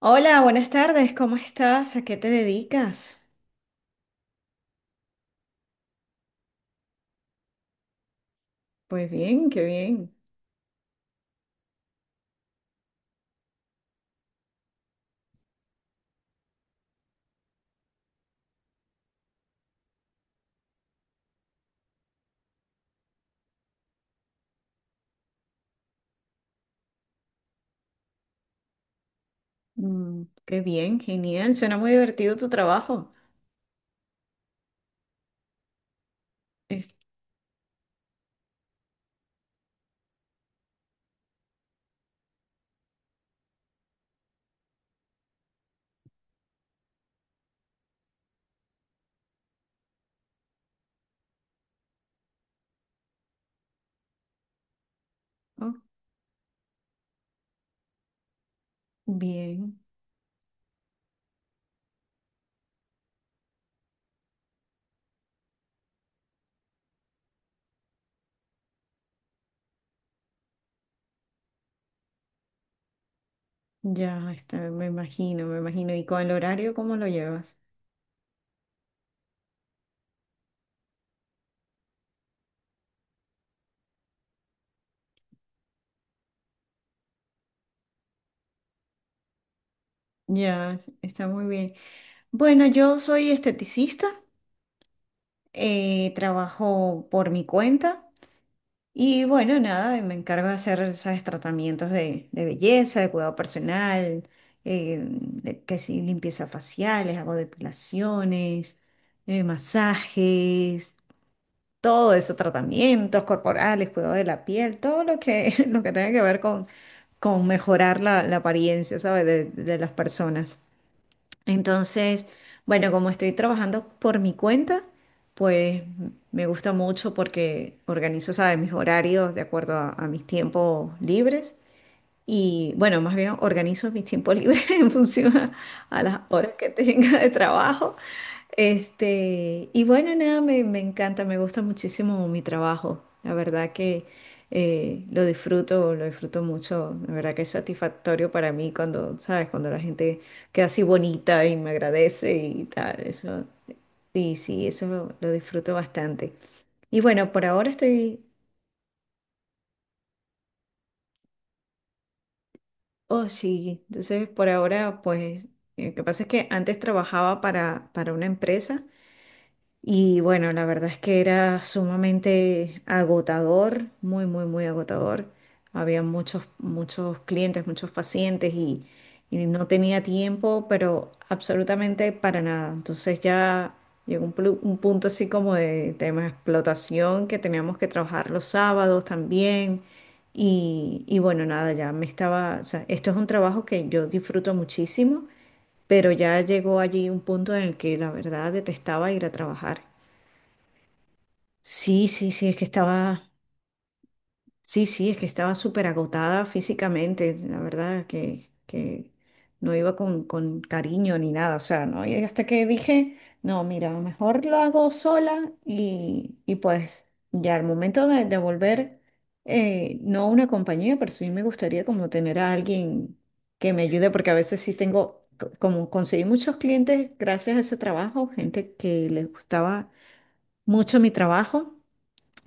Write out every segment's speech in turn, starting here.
Hola, buenas tardes, ¿cómo estás? ¿A qué te dedicas? Pues bien, qué bien. Qué bien, genial. Suena muy divertido tu trabajo. Es- oh, bien, ya está, me imagino, me imagino. ¿Y con el horario cómo lo llevas? Ya, está muy bien. Bueno, yo soy esteticista, trabajo por mi cuenta. Y bueno, nada, y me encargo de hacer, ¿sabes? Tratamientos de belleza, de cuidado personal, que si limpieza faciales, hago depilaciones, masajes, todo eso, tratamientos corporales, cuidado de la piel, todo lo que, lo que tenga que ver con mejorar la apariencia, ¿sabes? De las personas. Entonces, bueno, como estoy trabajando por mi cuenta, pues me gusta mucho porque organizo, ¿sabes?, mis horarios de acuerdo a mis tiempos libres. Y bueno, más bien organizo mis tiempos libres en función a las horas que tenga de trabajo. Este, y bueno, nada, me encanta, me gusta muchísimo mi trabajo. La verdad que lo disfruto mucho. La verdad que es satisfactorio para mí cuando, ¿sabes? Cuando la gente queda así bonita y me agradece y tal. Eso, sí, sí, eso lo disfruto bastante. Y bueno, por ahora estoy. Oh, sí. Entonces, por ahora, pues, lo que pasa es que antes trabajaba para una empresa. Y bueno, la verdad es que era sumamente agotador, muy, muy, muy agotador. Había muchos, muchos clientes, muchos pacientes y no tenía tiempo, pero absolutamente para nada. Entonces ya llegó un punto así como de tema de explotación que teníamos que trabajar los sábados también. Y bueno, nada, ya me estaba, o sea, esto es un trabajo que yo disfruto muchísimo, pero ya llegó allí un punto en el que la verdad detestaba ir a trabajar. Sí, sí, sí, es que estaba, sí, sí, es que estaba súper agotada físicamente, la verdad que no iba con cariño ni nada, o sea, ¿no? Y hasta que dije, no, mira, mejor lo hago sola y pues ya al momento de volver, no una compañía, pero sí me gustaría como tener a alguien que me ayude, porque a veces sí tengo, como conseguí muchos clientes gracias a ese trabajo, gente que les gustaba mucho mi trabajo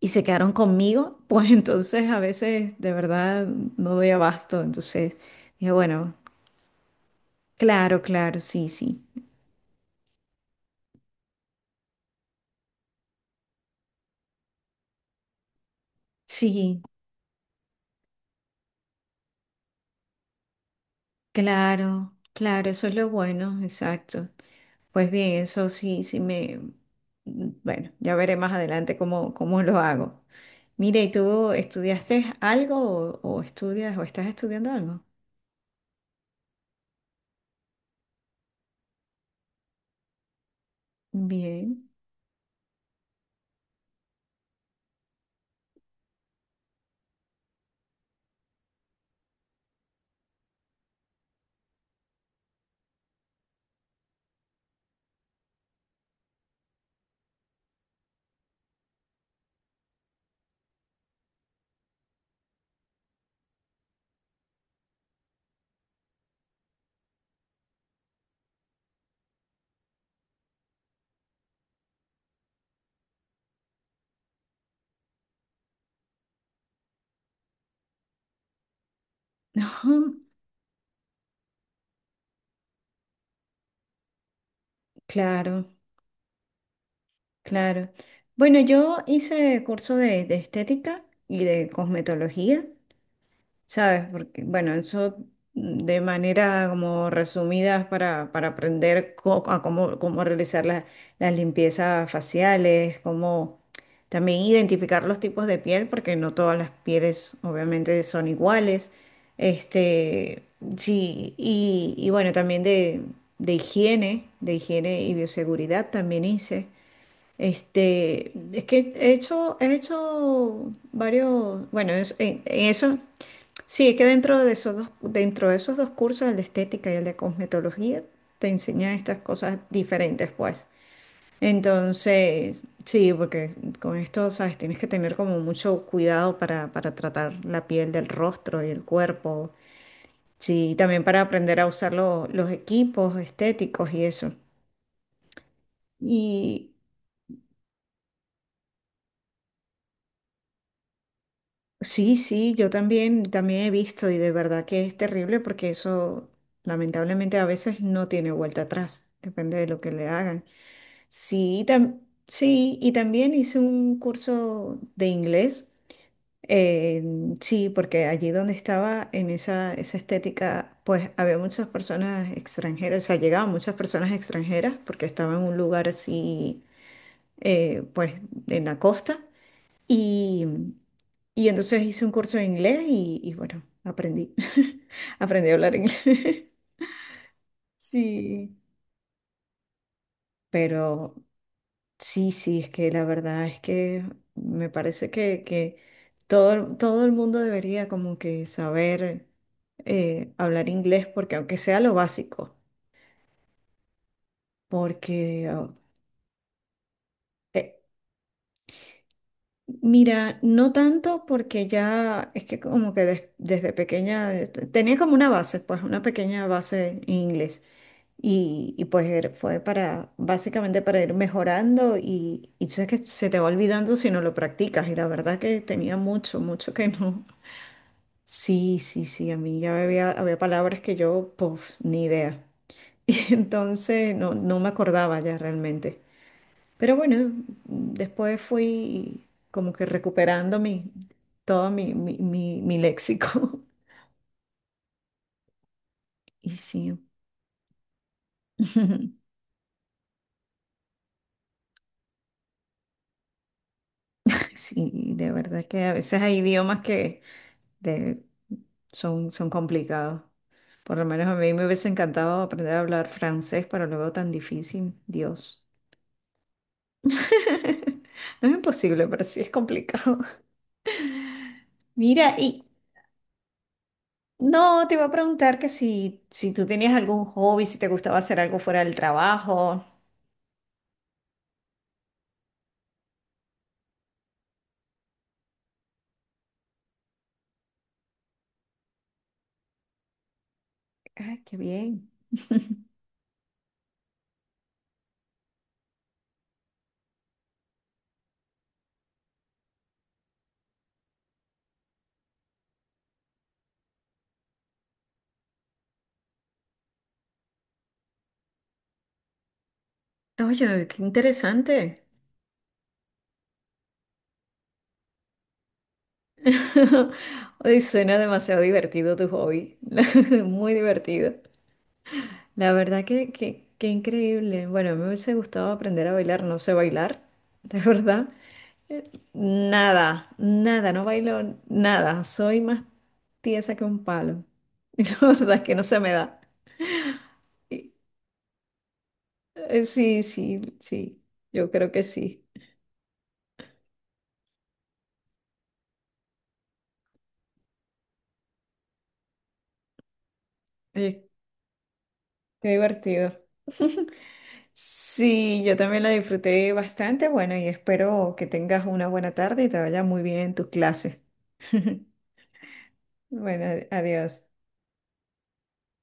y se quedaron conmigo, pues entonces a veces de verdad no doy abasto. Entonces dije, bueno, claro, claro, sí, sí. Sí, claro, claro, eso es lo bueno, exacto. Pues bien, eso sí, sí me... Bueno, ya veré más adelante cómo, cómo lo hago. Mire, ¿y tú estudiaste algo o estudias o estás estudiando algo? Bien. Claro. Claro. Bueno, yo hice curso de estética y de cosmetología, ¿sabes? Porque, bueno, eso de manera como resumidas para aprender co- a cómo, cómo realizar las limpiezas faciales, cómo también identificar los tipos de piel, porque no todas las pieles obviamente son iguales. Este, sí, y bueno, también de higiene y bioseguridad también hice. Este, es que he hecho varios, bueno, en eso, sí, es que dentro de esos dos, dentro de esos dos cursos, el de estética y el de cosmetología, te enseñan estas cosas diferentes, pues. Entonces, sí, porque con esto, sabes, tienes que tener como mucho cuidado para tratar la piel del rostro y el cuerpo. Sí, también para aprender a usar los equipos estéticos y eso. Sí, sí, yo también, también he visto y de verdad que es terrible porque eso lamentablemente a veces no tiene vuelta atrás, depende de lo que le hagan. Sí, sí, y también hice un curso de inglés, eh, sí, porque allí donde estaba en esa, esa estética, pues había muchas personas extranjeras, o sea, llegaban muchas personas extranjeras porque estaba en un lugar así, pues en la costa. Y, y entonces hice un curso de inglés y bueno, aprendí. Aprendí a hablar inglés. Sí. Pero sí, sí, es que la verdad es que me parece que todo, todo el mundo debería como que saber hablar inglés, porque aunque sea lo básico, porque oh, eh, mira, no tanto porque ya es que como que desde pequeña tenía como una base, pues una pequeña base en inglés. Y pues fue para, básicamente para ir mejorando y tú sabes que se te va olvidando si no lo practicas. Y la verdad que tenía mucho, mucho que no. Sí, sí, sí, a mí ya había, había palabras que yo, pues, ni idea. Y entonces no, no me acordaba ya realmente. Pero bueno, después fui como que recuperando todo mi léxico. Y sí, sí, de verdad que a veces hay idiomas que de- son, son complicados. Por lo menos a mí me hubiese encantado aprender a hablar francés, pero lo veo tan difícil. Dios. No es imposible, pero sí es complicado. Mira, y no, te iba a preguntar que si, si tú tenías algún hobby, si te gustaba hacer algo fuera del trabajo. Ay, qué bien. Oye, qué interesante. Ay, suena demasiado divertido tu hobby. Muy divertido. La verdad que increíble. Bueno, me hubiese gustado aprender a bailar, no sé bailar, de verdad. Nada, nada, no bailo nada. Soy más tiesa que un palo. Y la verdad es que no se me da. Y, sí, sí, sí, yo creo que sí. Oye, qué divertido. Sí, yo también la disfruté bastante. Bueno, y espero que tengas una buena tarde y te vaya muy bien en tus clases. Bueno, adiós.